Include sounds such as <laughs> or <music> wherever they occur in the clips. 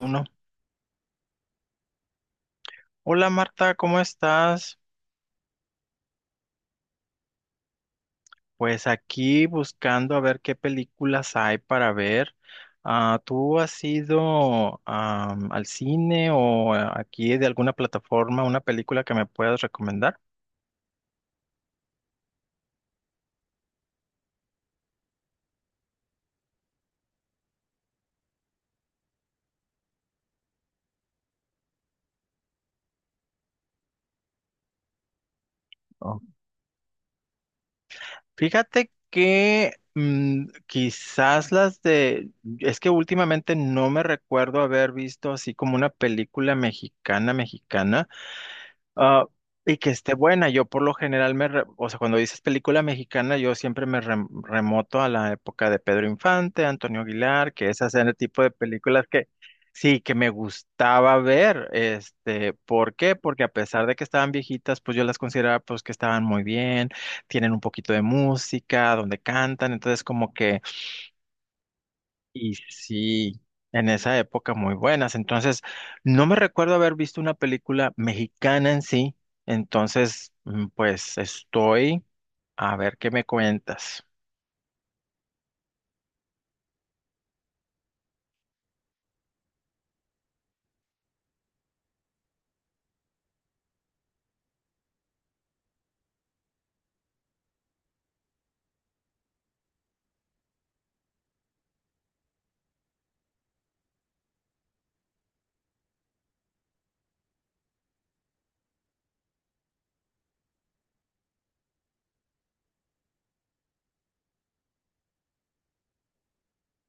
Uno. Hola Marta, ¿cómo estás? Pues aquí buscando a ver qué películas hay para ver. Ah, ¿tú has ido al cine o aquí de alguna plataforma una película que me puedas recomendar? Oh. Fíjate que quizás las de... Es que últimamente no me recuerdo haber visto así como una película mexicana, mexicana. Ah, y que esté buena. Yo por lo general o sea, cuando dices película mexicana, yo siempre me remoto a la época de Pedro Infante, Antonio Aguilar, que esas eran el tipo de películas que sí, que me gustaba ver. ¿Por qué? Porque a pesar de que estaban viejitas, pues yo las consideraba pues que estaban muy bien, tienen un poquito de música, donde cantan, entonces como que y sí, en esa época muy buenas. Entonces, no me recuerdo haber visto una película mexicana en sí. Entonces, pues estoy a ver qué me cuentas.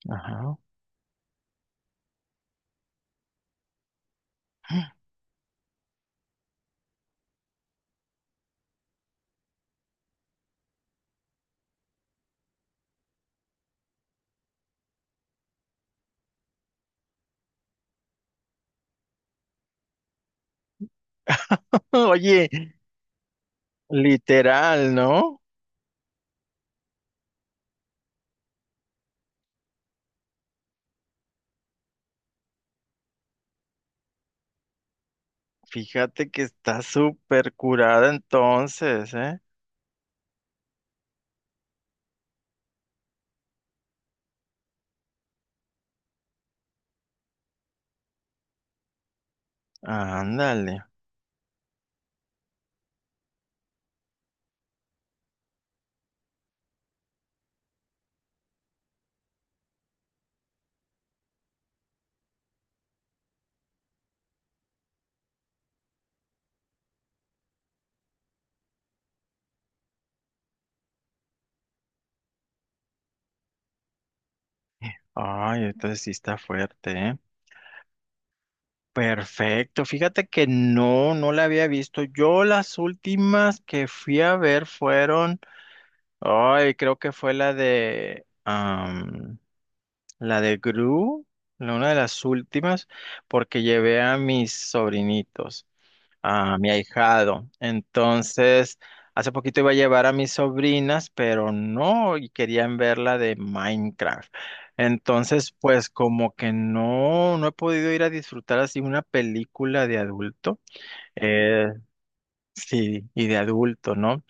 Ajá. <laughs> Oye, literal, ¿no? Fíjate que está súper curada entonces, ¿eh? Ándale. Ay, entonces sí está fuerte, ¿eh? Perfecto. Fíjate que no, no la había visto. Yo las últimas que fui a ver fueron, ay, creo que fue la de la de Gru, una de las últimas, porque llevé a mis sobrinitos, a mi ahijado. Entonces, hace poquito iba a llevar a mis sobrinas, pero no, y querían ver la de Minecraft. Entonces, pues como que no, no he podido ir a disfrutar así una película de adulto. Eh, sí, y de adulto, ¿no?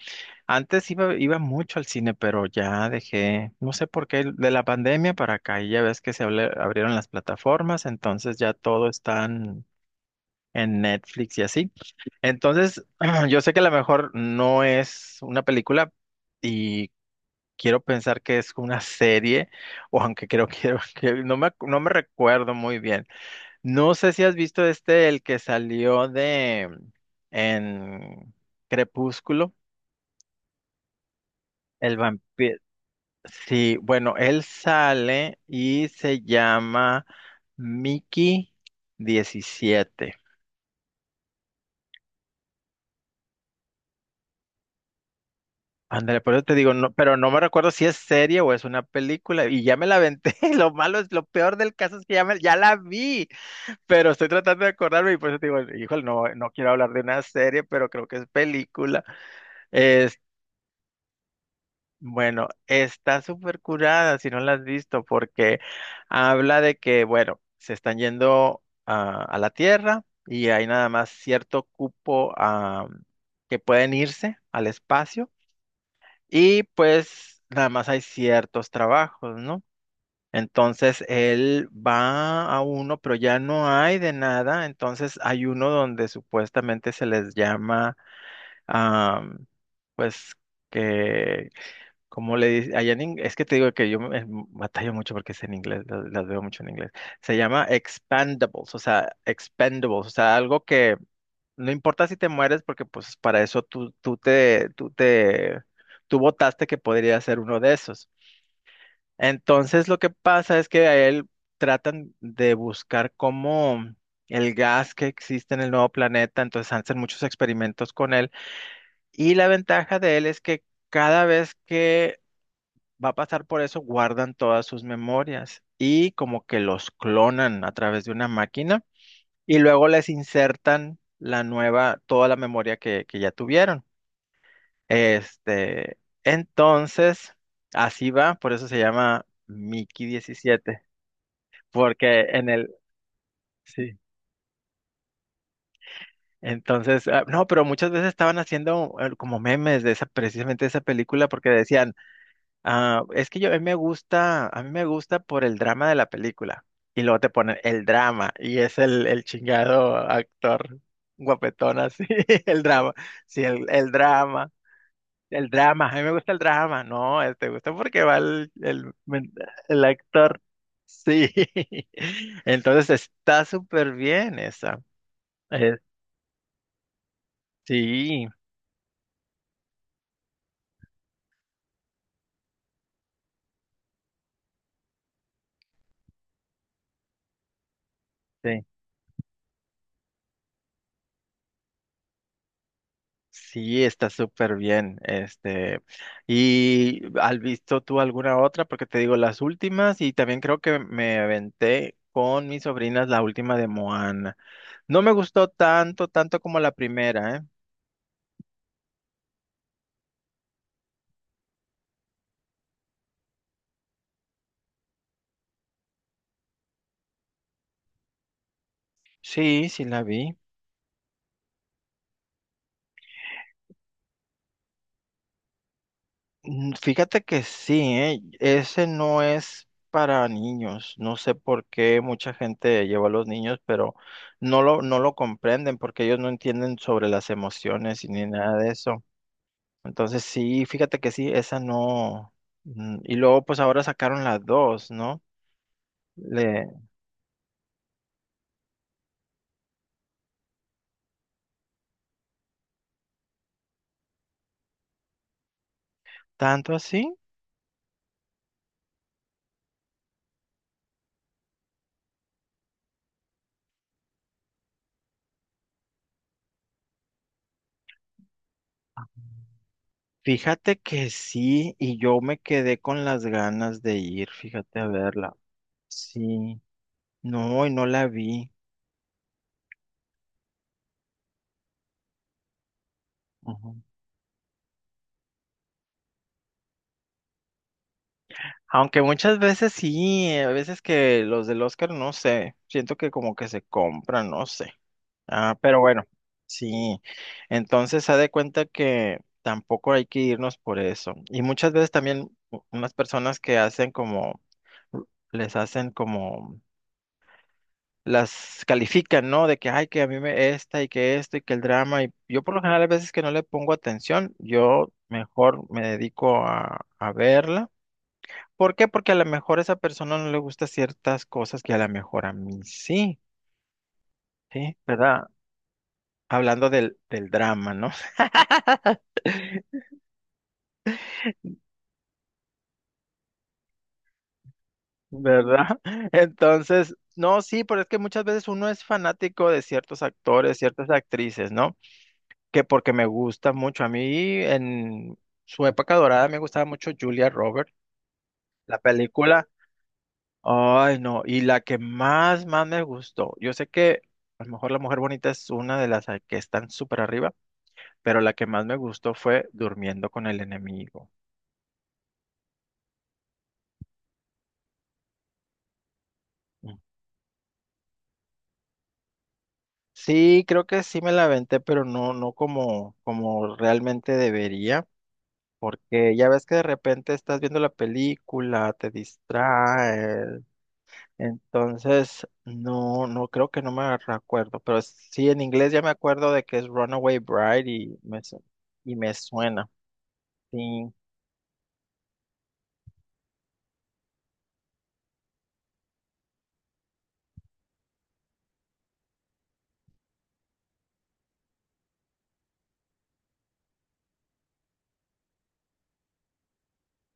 Antes iba, iba mucho al cine, pero ya dejé, no sé por qué, de la pandemia para acá, y ya ves que abrieron las plataformas, entonces ya todo está en Netflix y así. Entonces, <clears throat> yo sé que a lo mejor no es una película y quiero pensar que es una serie, o aunque creo que, <laughs> que no me recuerdo muy bien. No sé si has visto el que salió de en Crepúsculo, el vampiro. Sí, bueno, él sale y se llama Mickey 17. Ándale, por eso te digo, no, pero no me recuerdo si es serie o es una película y ya me la aventé. <laughs> Lo malo es, lo peor del caso es que ya, ya la vi, pero estoy tratando de acordarme y por eso te digo, híjole, no, no quiero hablar de una serie, pero creo que es película. Bueno, está súper curada si no la has visto, porque habla de que, bueno, se están yendo a la Tierra y hay nada más cierto cupo, ah, que pueden irse al espacio y pues nada más hay ciertos trabajos, ¿no? Entonces él va a uno, pero ya no hay de nada, entonces hay uno donde supuestamente se les llama, ah, pues, que como le dice, es que te digo que yo batallo mucho porque es en inglés, las, veo mucho en inglés. Se llama expandables, o sea, expendables, o sea, algo que no importa si te mueres porque pues para eso tú votaste que podría ser uno de esos. Entonces lo que pasa es que a él tratan de buscar cómo el gas que existe en el nuevo planeta, entonces hacen muchos experimentos con él y la ventaja de él es que cada vez que va a pasar por eso, guardan todas sus memorias y como que los clonan a través de una máquina y luego les insertan la nueva, toda la memoria que ya tuvieron. Este, entonces, así va, por eso se llama Mickey diecisiete porque en el, sí. Entonces, ah, no, pero muchas veces estaban haciendo como memes de esa, precisamente de esa película, porque decían, ah, es que yo, a mí me gusta, a mí me gusta por el drama de la película. Y luego te ponen el drama y es el chingado actor guapetón así, <laughs> el drama. Sí, el drama, a mí me gusta el drama. No, te gusta porque va el actor. Sí, <laughs> entonces está súper bien esa. Eh, sí, sí. Sí, está súper bien. ¿Y has visto tú alguna otra? Porque te digo las últimas y también creo que me aventé con mis sobrinas la última de Moana. No me gustó tanto, tanto como la primera, ¿eh? Sí, sí la vi. Fíjate que sí, ¿eh? Ese no es para niños. No sé por qué mucha gente lleva a los niños, pero no lo, no lo comprenden porque ellos no entienden sobre las emociones y ni nada de eso. Entonces sí, fíjate que sí, esa no. Y luego pues ahora sacaron las dos, ¿no? Le... ¿Tanto así? Fíjate que sí, y yo me quedé con las ganas de ir, fíjate a verla. Sí, no, y no la vi. Ujú. Aunque muchas veces sí, a veces que los del Oscar, no sé, siento que como que se compran, no sé. Ah, pero bueno, sí. Entonces, haz de cuenta que tampoco hay que irnos por eso. Y muchas veces también unas personas que hacen como, les hacen como, las califican, ¿no? De que, ay, que a mí me esta y que esto y que el drama. Y yo por lo general a veces que no le pongo atención, yo mejor me dedico a verla. ¿Por qué? Porque a lo mejor a esa persona no le gusta ciertas cosas que a lo mejor a mí sí, ¿sí? ¿Verdad? Hablando del, del drama, ¿no? ¿Verdad? <laughs> Entonces, no, sí, pero es que muchas veces uno es fanático de ciertos actores, ciertas actrices, ¿no? Que porque me gusta mucho. A mí en su época dorada me gustaba mucho Julia Roberts, la película. Ay, no, y la que más, más me gustó. Yo sé que a lo mejor La Mujer Bonita es una que están súper arriba, pero la que más me gustó fue Durmiendo con el Enemigo. Mm. Sí, creo que sí me la aventé, pero no, no como, como realmente debería. Porque ya ves que de repente estás viendo la película, te distrae. Entonces, no, no creo que no me acuerdo, pero sí en inglés ya me acuerdo de que es Runaway Bride y me suena. Sí,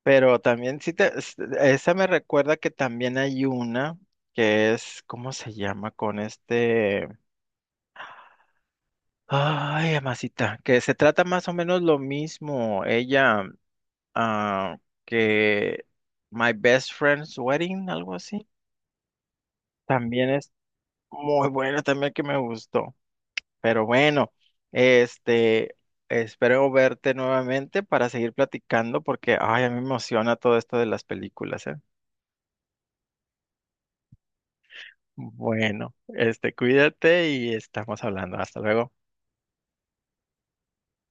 pero también sí esa me recuerda que también hay una que es, ¿cómo se llama? Con ay, amasita, que se trata más o menos lo mismo. Ella ah, que My Best Friend's Wedding, algo así. También es muy buena, también que me gustó. Pero bueno, este, espero verte nuevamente para seguir platicando porque, ay, a mí me emociona todo esto de las películas, ¿eh? Bueno, cuídate y estamos hablando. Hasta luego.